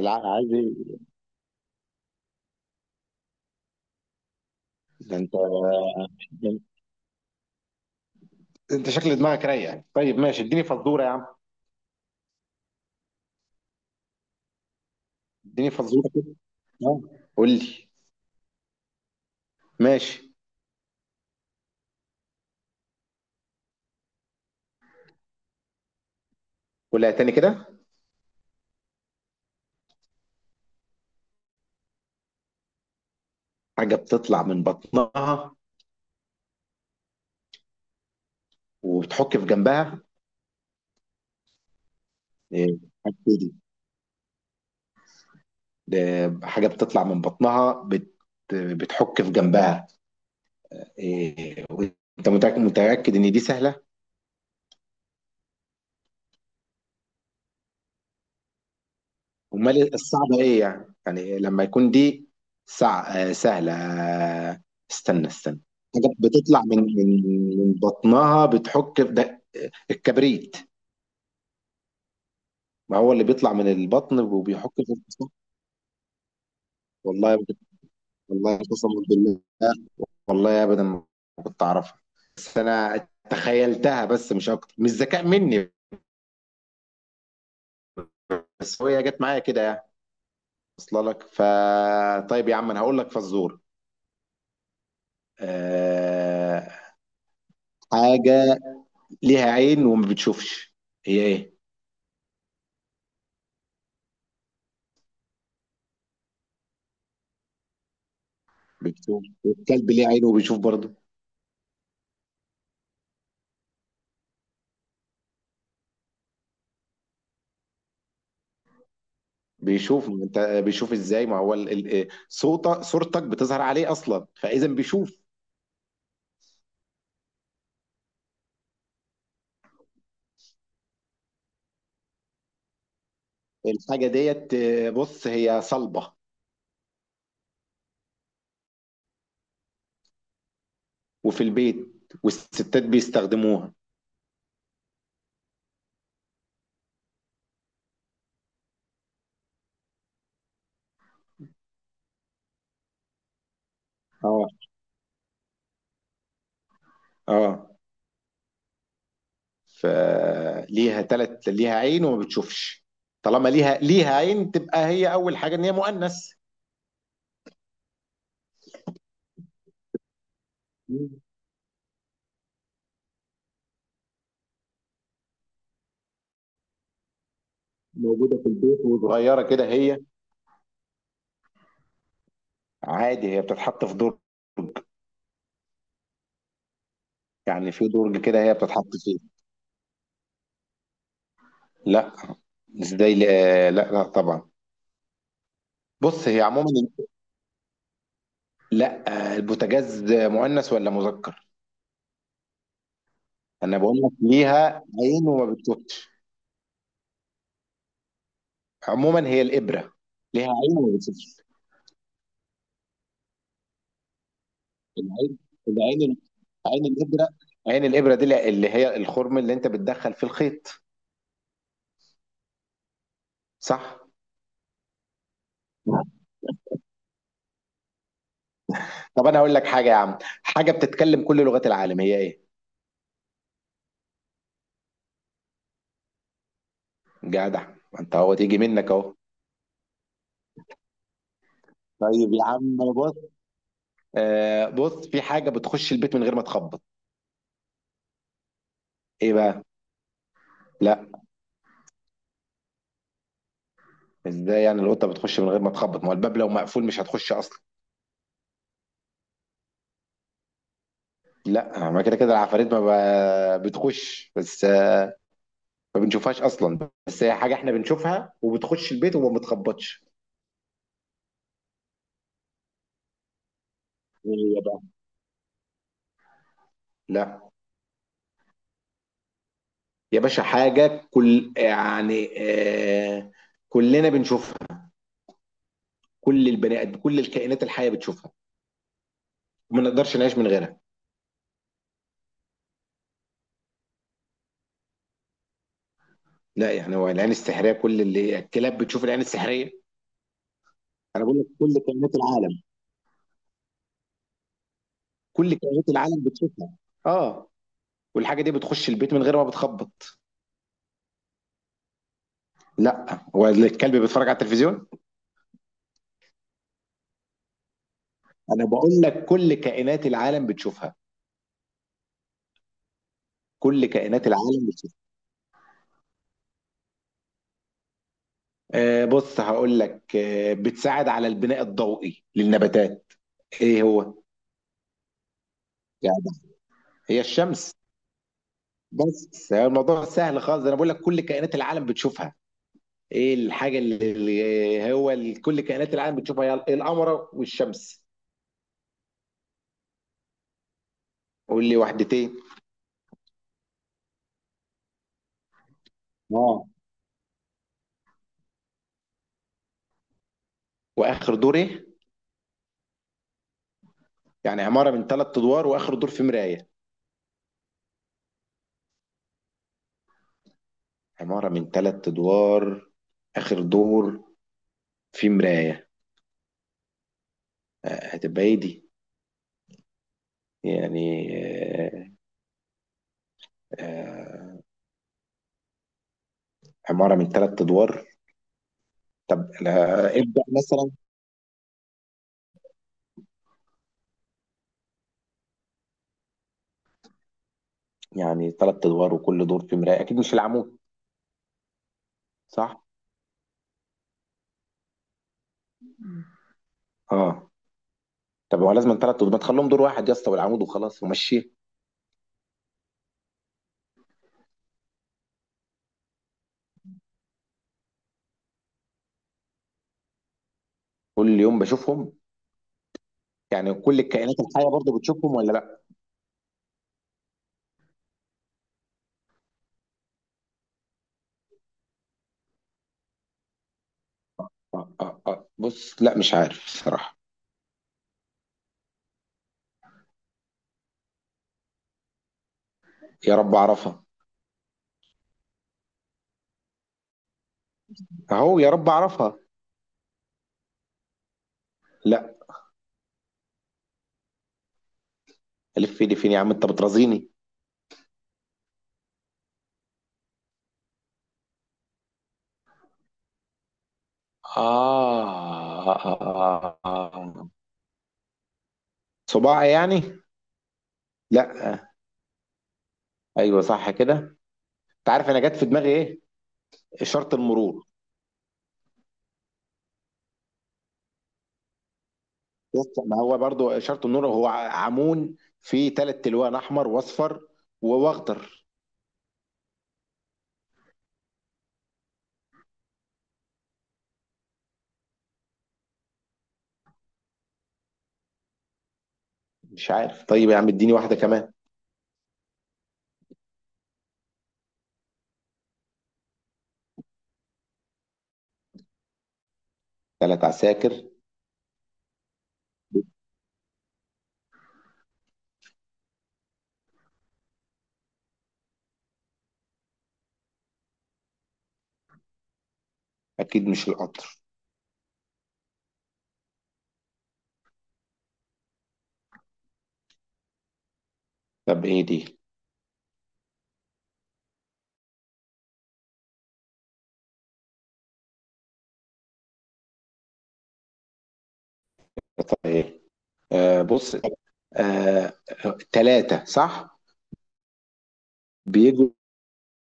لا عادي. ده انت ده انت شكل دماغك رايق يعني. طيب ماشي، اديني فزوره يا عم. اديني فزوره كده. اه، قول لي. ماشي. قولها تاني كده. حاجه بتطلع من بطنها وبتحك في جنبها. ايه حاجة دي؟ ده حاجه بتطلع من بطنها بتحك في جنبها. إيه. وانت متاكد متاكد ان دي سهله؟ امال الصعبه ايه يعني؟ لما يكون دي سع... سهله. آه، استنى استنى. حاجه بتطلع من بطنها بتحك في ده، الكبريت. ما هو اللي بيطلع من البطن وبيحك في الفصل. والله بجد- والله قسما بالله. والله ابدا ما كنت اعرفها. بس انا تخيلتها بس، مش اكتر، مش ذكاء مني. بس هي جت معايا كده يعني، واصله لك. طيب يا عم، انا هقول لك فزور. أه... حاجه ليها عين وما بتشوفش. هي ايه؟ بتشوف؟ الكلب ليه عين وبيشوف برضه. بيشوف، ما انت بيشوف ازاي؟ ما هو صوت صورتك بتظهر عليه اصلا، فاذا بيشوف. الحاجه ديت، بص هي صلبه وفي البيت، والستات بيستخدموها. اه، اه. فليها ليها عين وما بتشوفش. طالما ليها عين تبقى هي، اول حاجه، ان هي مؤنث، موجوده في البيت وصغيره كده هي. عادي هي بتتحط في دور، يعني في درج كده هي بتتحط فيه؟ لا. ازاي؟ لا، لا، لا طبعا. بص هي عموما، لا، البوتاجاز مؤنث ولا مذكر؟ انا بقول لك ليها عين وما بتشوفش. عموما هي الابره. ليها عين وما بتشوفش. العين، العين، عين الابره. عين الابره دي اللي هي الخرم اللي انت بتدخل في الخيط. صح. طب انا هقول لك حاجه يا عم. حاجه بتتكلم كل لغات العالم، هي ايه؟ جدع، ما انت هو تيجي منك اهو. طيب يا عم، بص، بص في حاجة بتخش البيت من غير ما تخبط. ايه بقى؟ لا. ازاي يعني القطة بتخش من غير ما تخبط؟ ما هو الباب لو مقفول مش هتخش اصلا. لا، ما كده كده العفاريت، ما بتخش، بس ما بنشوفهاش اصلا. بس هي حاجة احنا بنشوفها وبتخش البيت وما بتخبطش. ايه هي بقى؟ لا يا باشا، حاجة كل، يعني كلنا بنشوفها. كل البني ادم، كل الكائنات الحية بتشوفها، وما نقدرش نعيش من غيرها. لا، يعني هو العين السحرية؟ كل اللي الكلاب بتشوف العين السحرية؟ انا بقول لك كل كائنات العالم. كل كائنات العالم بتشوفها. اه. والحاجه دي بتخش البيت من غير ما بتخبط. لا، هو الكلب بيتفرج على التلفزيون. انا بقول لك كل كائنات العالم بتشوفها. كل كائنات العالم بتشوفها. بص هقول لك، بتساعد على البناء الضوئي للنباتات. ايه هو يعني؟ هي الشمس. بس الموضوع سهل خالص، انا بقول لك كل كائنات العالم بتشوفها. ايه الحاجه اللي هو كل كائنات العالم بتشوفها؟ هي القمر والشمس. قول لي وحدتين. واخر دور ايه؟ يعني عماره من ثلاث ادوار واخر دور في مرايه. عماره من ثلاث ادوار، اخر دور في مرايه. هتبقى ايه دي؟ يعني آه، عماره من ثلاث ادوار. طب لا، ابدا، مثلا يعني ثلاث ادوار وكل دور في مرايه، اكيد مش العمود. صح. اه. طب هو لازم ثلاث ادوار؟ ما تخليهم دور واحد يا اسطى، والعمود، وخلاص ومشي. كل يوم بشوفهم. يعني كل الكائنات الحيه برضه بتشوفهم ولا لا؟ بص، لا، مش عارف الصراحه. يا رب اعرفها. اهو، يا رب اعرفها. لا. الف ايدي فين يا عم، انت بترازيني. آه صباع يعني؟ لا. ايوه، صح كده. انت عارف انا جت في دماغي ايه؟ اشاره المرور. بص، ما هو برضو اشاره المرور هو عمون، فيه ثلاث تلوان، احمر واصفر واخضر. مش عارف. طيب يا عم، اديني واحده كمان. ثلاث عساكر. اكيد مش القطر. طب ايه دي؟ طب ايه؟ بص، ثلاثه. آه ثلاثة، صح. بيجوا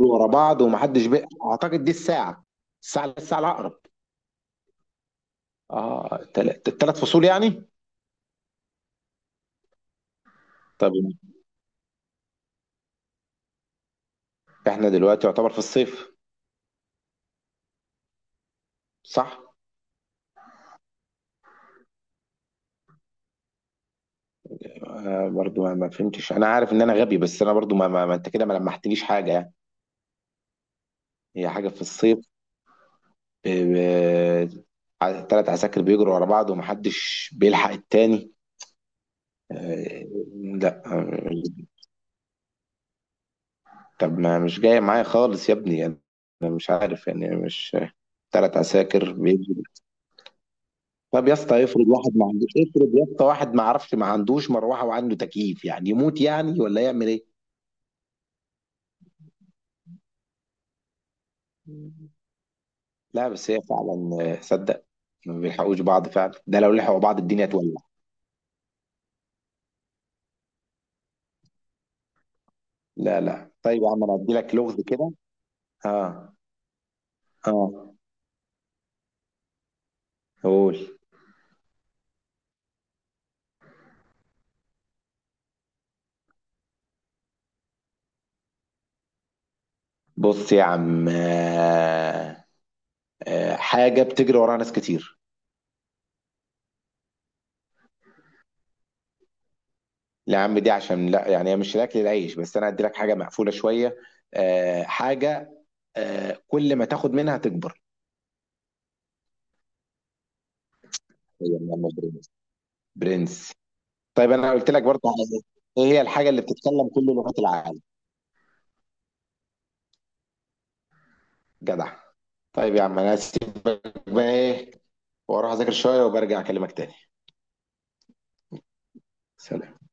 ورا بعض ومحدش، بقى اعتقد دي الساعه الاقرب. اه. الثلاث فصول يعني؟ طب احنا دلوقتي يعتبر في الصيف. صح. برضو ما, ما فهمتش. انا عارف ان انا غبي، بس انا برضو ما, ما, ما انت كده ما لمحتليش حاجه يعني. هي حاجه في الصيف. ثلاث عساكر بيجروا ورا بعض ومحدش بيلحق التاني. آه. لا، طب ما مش جاي معايا خالص يا ابني انا، مش عارف يعني، مش ثلاث عساكر. طب يا اسطى، افرض واحد ما عندوش، افرض يا اسطى واحد ما عرفش، ما عندوش مروحه وعنده تكييف، يعني يموت يعني ولا يعمل ايه؟ لا، بس هي فعلا صدق، ما بيلحقوش بعض فعلا. ده لو لحقوا بعض الدنيا تولع. لا، لا، طيب يا عم انا هدي لك لغز كده. اه. اه، قول. بص يا عم، حاجه بتجري وراها ناس كتير. لا يا عم، دي عشان لا، يعني هي مش الاكل العيش، بس انا هدي لك حاجه مقفوله شويه. حاجه، كل ما تاخد منها تكبر. هي من المجرمين. برنس. طيب انا قلت لك برضه ايه. إيه هي الحاجه اللي بتتكلم كل لغات العالم؟ جدع. طيب يا عم، انا هسيبك بقى، ايه، واروح اذاكر شويه وبرجع اكلمك تاني. سلام.